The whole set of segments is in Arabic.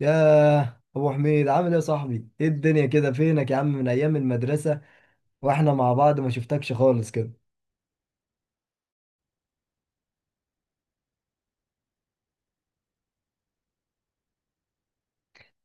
ياه، ابو حميد عامل ايه يا صاحبي؟ ايه الدنيا كده؟ فينك يا عم من ايام المدرسه واحنا مع بعض؟ ما شفتكش خالص كده.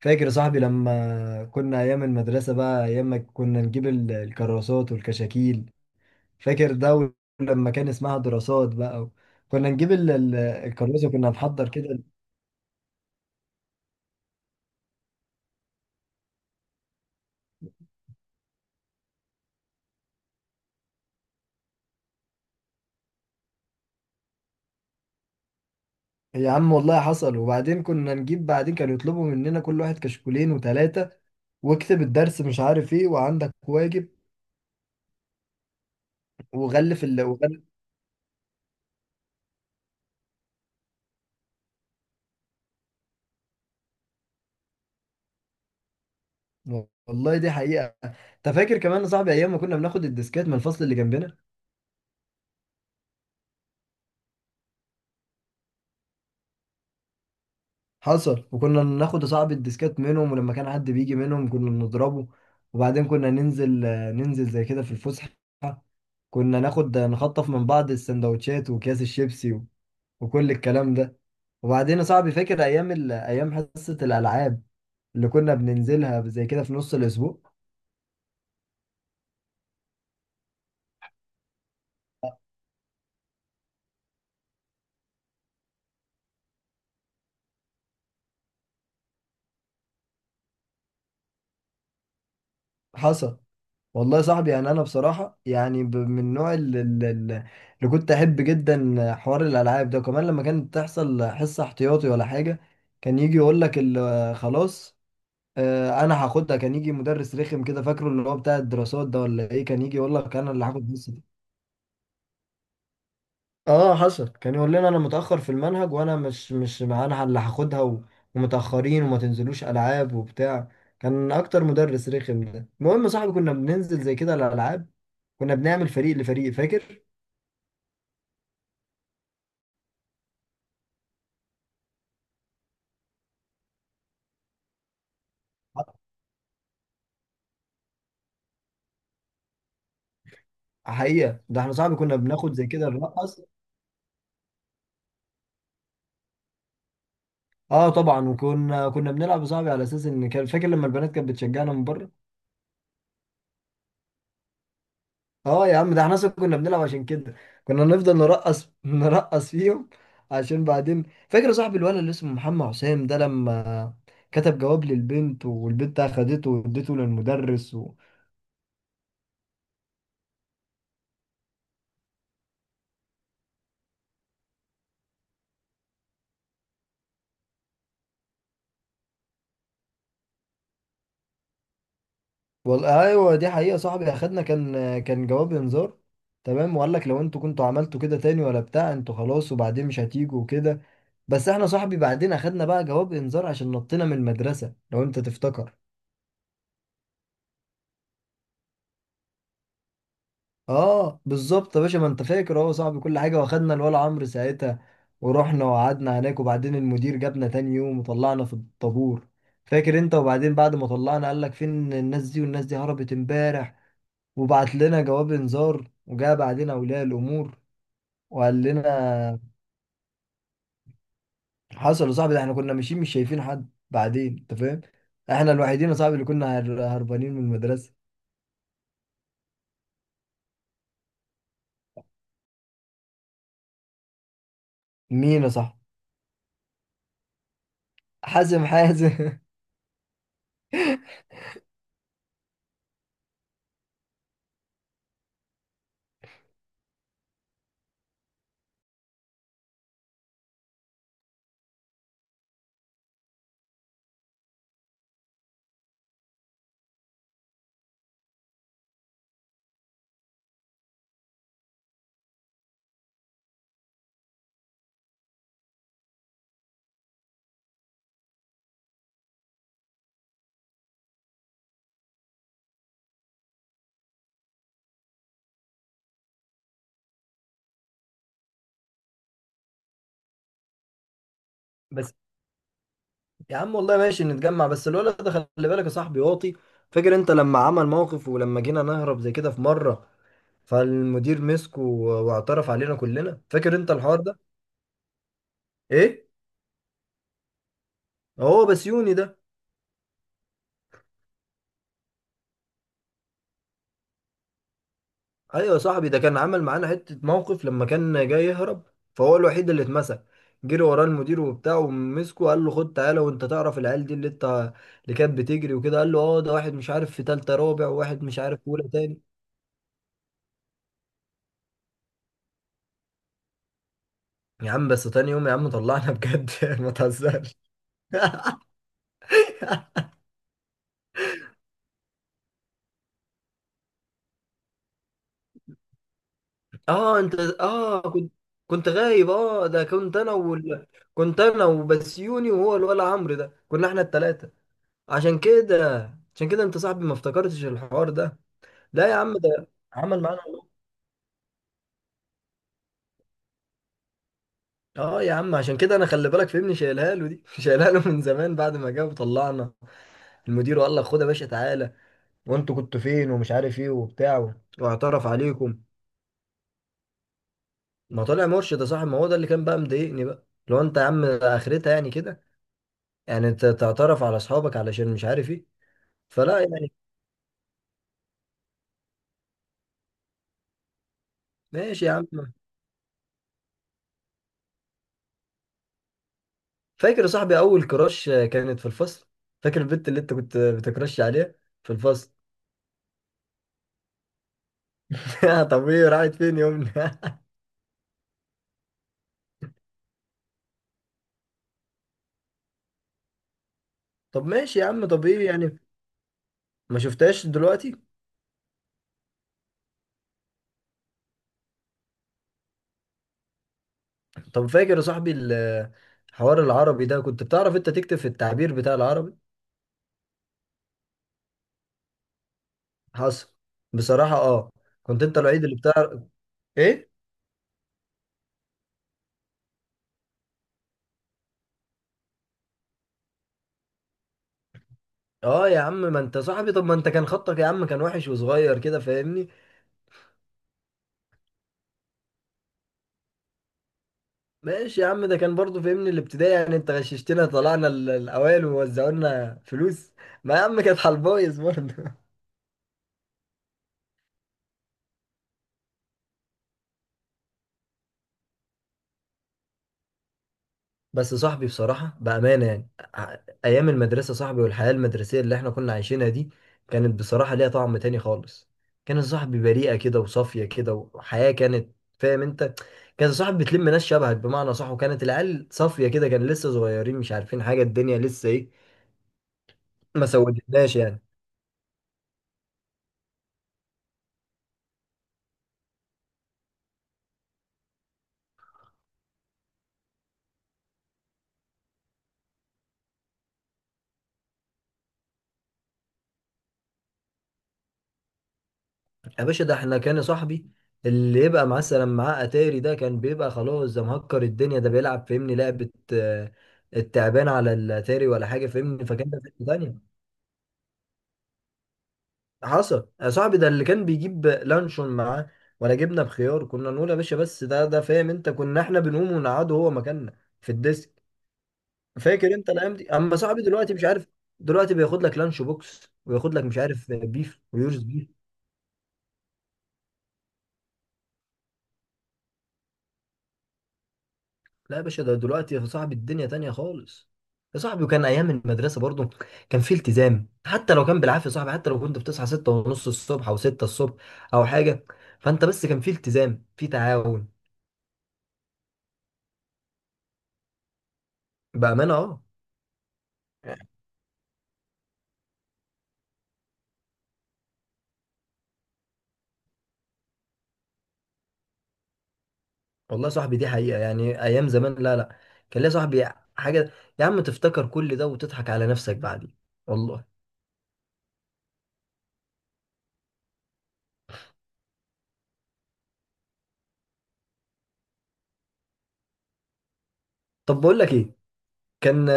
فاكر يا صاحبي لما كنا ايام المدرسه بقى، ايام ما كنا نجيب الكراسات والكشاكيل؟ فاكر ده؟ لما كان اسمها دراسات بقى، كنا نجيب الكراسه، كنا نحضر كده. يا عم والله حصل. وبعدين كنا نجيب، بعدين كانوا يطلبوا مننا كل واحد كشكولين وثلاثه، واكتب الدرس مش عارف ايه وعندك واجب وغلف. والله دي حقيقه. انت فاكر كمان يا صاحبي ايام ما كنا بناخد الديسكات من الفصل اللي جنبنا؟ حصل، وكنا ناخد يا صاحبي الديسكات منهم، ولما كان حد بيجي منهم كنا نضربه. وبعدين كنا ننزل ننزل زي كده في الفسحه، كنا ناخد نخطف من بعض السندوتشات واكياس الشيبسي وكل الكلام ده. وبعدين يا صاحبي فاكر ايام حصه الالعاب اللي كنا بننزلها زي كده في نص الاسبوع؟ حصل. والله يا صاحبي يعني انا بصراحه يعني، من النوع اللي كنت احب جدا حوار الالعاب ده. وكمان لما كانت تحصل حصه احتياطي ولا حاجه، كان يجي يقول لك خلاص، انا هاخدها. كان يجي مدرس رخم كده، فاكره اللي هو بتاع الدراسات ده ولا ايه؟ كان يجي يقول لك انا اللي هاخد حصه. اه حصل. كان يقول لنا انا متاخر في المنهج وانا مش مع، انا اللي هاخدها ومتاخرين، وما تنزلوش العاب وبتاع. كان اكتر مدرس رخم ده. المهم يا صاحبي كنا بننزل زي كده الالعاب، كنا بنعمل فريق لفريق، فاكر؟ حقيقة ده احنا صاحبي كنا بناخد زي كده نرقص. اه طبعا، وكنا بنلعب يا صاحبي على اساس ان، كان فاكر لما البنات كانت بتشجعنا من بره؟ اه يا عم ده احنا اصلا كنا بنلعب عشان كده، كنا نفضل نرقص نرقص فيهم، عشان بعدين. فاكر يا صاحبي الولد اللي اسمه محمد حسام ده لما كتب جواب للبنت والبنت اخدته واديته للمدرس؟ والله ايوه، دي حقيقه صاحبي. اخدنا كان، كان جواب انذار، تمام؟ وقال لك لو انتوا كنتوا عملتوا كده تاني ولا بتاع انتوا خلاص وبعدين مش هتيجوا وكده. بس احنا صاحبي بعدين اخدنا بقى جواب انذار عشان نطينا من المدرسه، لو انت تفتكر. اه بالظبط يا باشا، ما انت فاكر اهو صاحبي كل حاجه. واخدنا الولا عمرو ساعتها ورحنا وقعدنا هناك، وبعدين المدير جابنا تاني يوم وطلعنا في الطابور، فاكر انت؟ وبعدين بعد ما طلعنا قال لك فين الناس دي، والناس دي هربت امبارح وبعت لنا جواب انذار، وجاء بعدين اولياء الامور وقال لنا. حصل يا صاحبي. ده احنا كنا ماشيين مش شايفين حد بعدين، انت فاهم؟ احنا الوحيدين يا صاحبي اللي كنا هربانين من المدرسه. مين يا صاحبي؟ حازم حازم. بس يا عم والله ماشي نتجمع، بس الولد ده خلي بالك يا صاحبي واطي. فاكر انت لما عمل موقف، ولما جينا نهرب زي كده في مره، فالمدير مسكه واعترف علينا كلنا، فاكر انت الحوار ده؟ ايه؟ هو بسيوني ده. ايوه يا صاحبي، ده كان عمل معانا حته موقف لما كان جاي يهرب، فهو الوحيد اللي اتمسك. جري وراه المدير وبتاع ومسكه، قال له خد تعالى، وانت تعرف العيال دي اللي انت، اللي كانت بتجري وكده. قال له اه، ده واحد مش عارف في تالتة رابع، وواحد مش عارف في اولى تاني. يا عم بس تاني يوم يا عم طلعنا بجد، ما تهزرش. اه انت، اه كنت غايب، اه ده كنت انا كنت انا وبسيوني، وهو الولا عمرو ده، كنا احنا التلاتة. عشان كده عشان كده انت صاحبي ما افتكرتش الحوار ده. لا يا عم، ده عمل معانا. اه يا عم، عشان كده انا خلي بالك فهمني شايلها له دي، شايلها له من زمان بعد ما جه وطلعنا المدير وقال لك خد يا باشا تعالى، وانتوا كنتوا فين، ومش عارف ايه وبتاع، واعترف عليكم. ما طلع مرشد يا صاحبي، ما هو ده اللي كان بقى مضايقني بقى، لو انت يا عم اخرتها يعني كده، يعني انت تعترف على اصحابك علشان مش عارف ايه، فلا يعني. ماشي يا عم. فاكر يا صاحبي اول كراش كانت في الفصل؟ فاكر البنت اللي انت كنت بتكراش عليها في الفصل؟ طب ايه، راحت فين يومنا؟ طب ماشي يا عم، طب ايه يعني؟ ما شفتهاش دلوقتي. طب فاكر يا صاحبي حوار العربي ده؟ كنت بتعرف انت تكتب في التعبير بتاع العربي. حصل. بصراحة اه، كنت انت الوحيد اللي بتعرف. ايه؟ اه يا عم، ما انت صاحبي، طب ما انت كان خطك يا عم كان وحش وصغير كده، فاهمني؟ ماشي يا عم، ده كان برضو، فاهمني الابتدائي، يعني انت غششتنا طلعنا الاوائل ووزعولنا فلوس. ما يا عم كانت على البايظ برضه. بس صاحبي بصراحة بأمانة يعني، ع- أيام المدرسة صاحبي، والحياة المدرسية اللي احنا كنا عايشينها دي، كانت بصراحة ليها طعم تاني خالص. كان صاحبي بريئة كده وصافية كده، وحياة كانت، فاهم انت؟ كان صاحبي بتلم ناس شبهك بمعنى صح، وكانت العيال صافية كده، كان لسه صغيرين مش عارفين حاجة الدنيا لسه ايه. ما سودتناش يعني. يا باشا ده احنا كان صاحبي، اللي يبقى مثلا معاه اتاري ده كان بيبقى خلاص ده مهكر الدنيا، ده بيلعب فاهمني لعبة التعبان على الاتاري ولا حاجة، فاهمني؟ فكان ده في حتة تانية. حصل يا صاحبي، ده اللي كان بيجيب لانشون معاه ولا جبنه بخيار، كنا نقول يا باشا. بس ده فاهم انت، كنا احنا بنقوم ونقعده هو مكاننا في الديسك، فاكر انت الايام دي؟ اما صاحبي دلوقتي مش عارف، دلوقتي بياخد لك لانش بوكس وياخد لك مش عارف بيف ويورز بيف. لا يا باشا، ده دلوقتي يا صاحبي الدنيا تانية خالص. يا صاحبي وكان ايام المدرسه برضو كان في التزام، حتى لو كان بالعافيه يا صاحبي، حتى لو كنت بتصحى ستة ونص الصبح او ستة الصبح او حاجه، فانت بس كان في التزام، في تعاون. بامانه اه. والله يا صاحبي دي حقيقة، يعني أيام زمان، لا لا، كان ليا صاحبي حاجة. يا عم تفتكر كل ده وتضحك على نفسك بعدين، والله. طب بقول لك إيه، كان،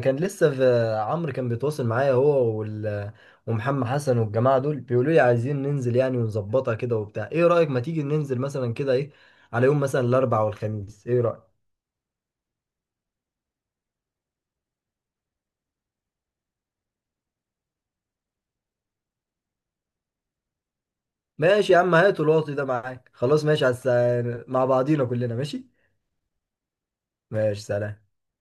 كان لسه في عمرو كان بيتواصل معايا هو ومحمد حسن والجماعة دول، بيقولوا لي عايزين ننزل يعني ونظبطها كده وبتاع، إيه رأيك؟ ما تيجي ننزل مثلا كده، إيه على يوم مثلا الأربع والخميس، إيه رأيك؟ ماشي يا عم، هات الواطي ده معاك خلاص، ماشي مع بعضينا كلنا ماشي. ماشي سلام.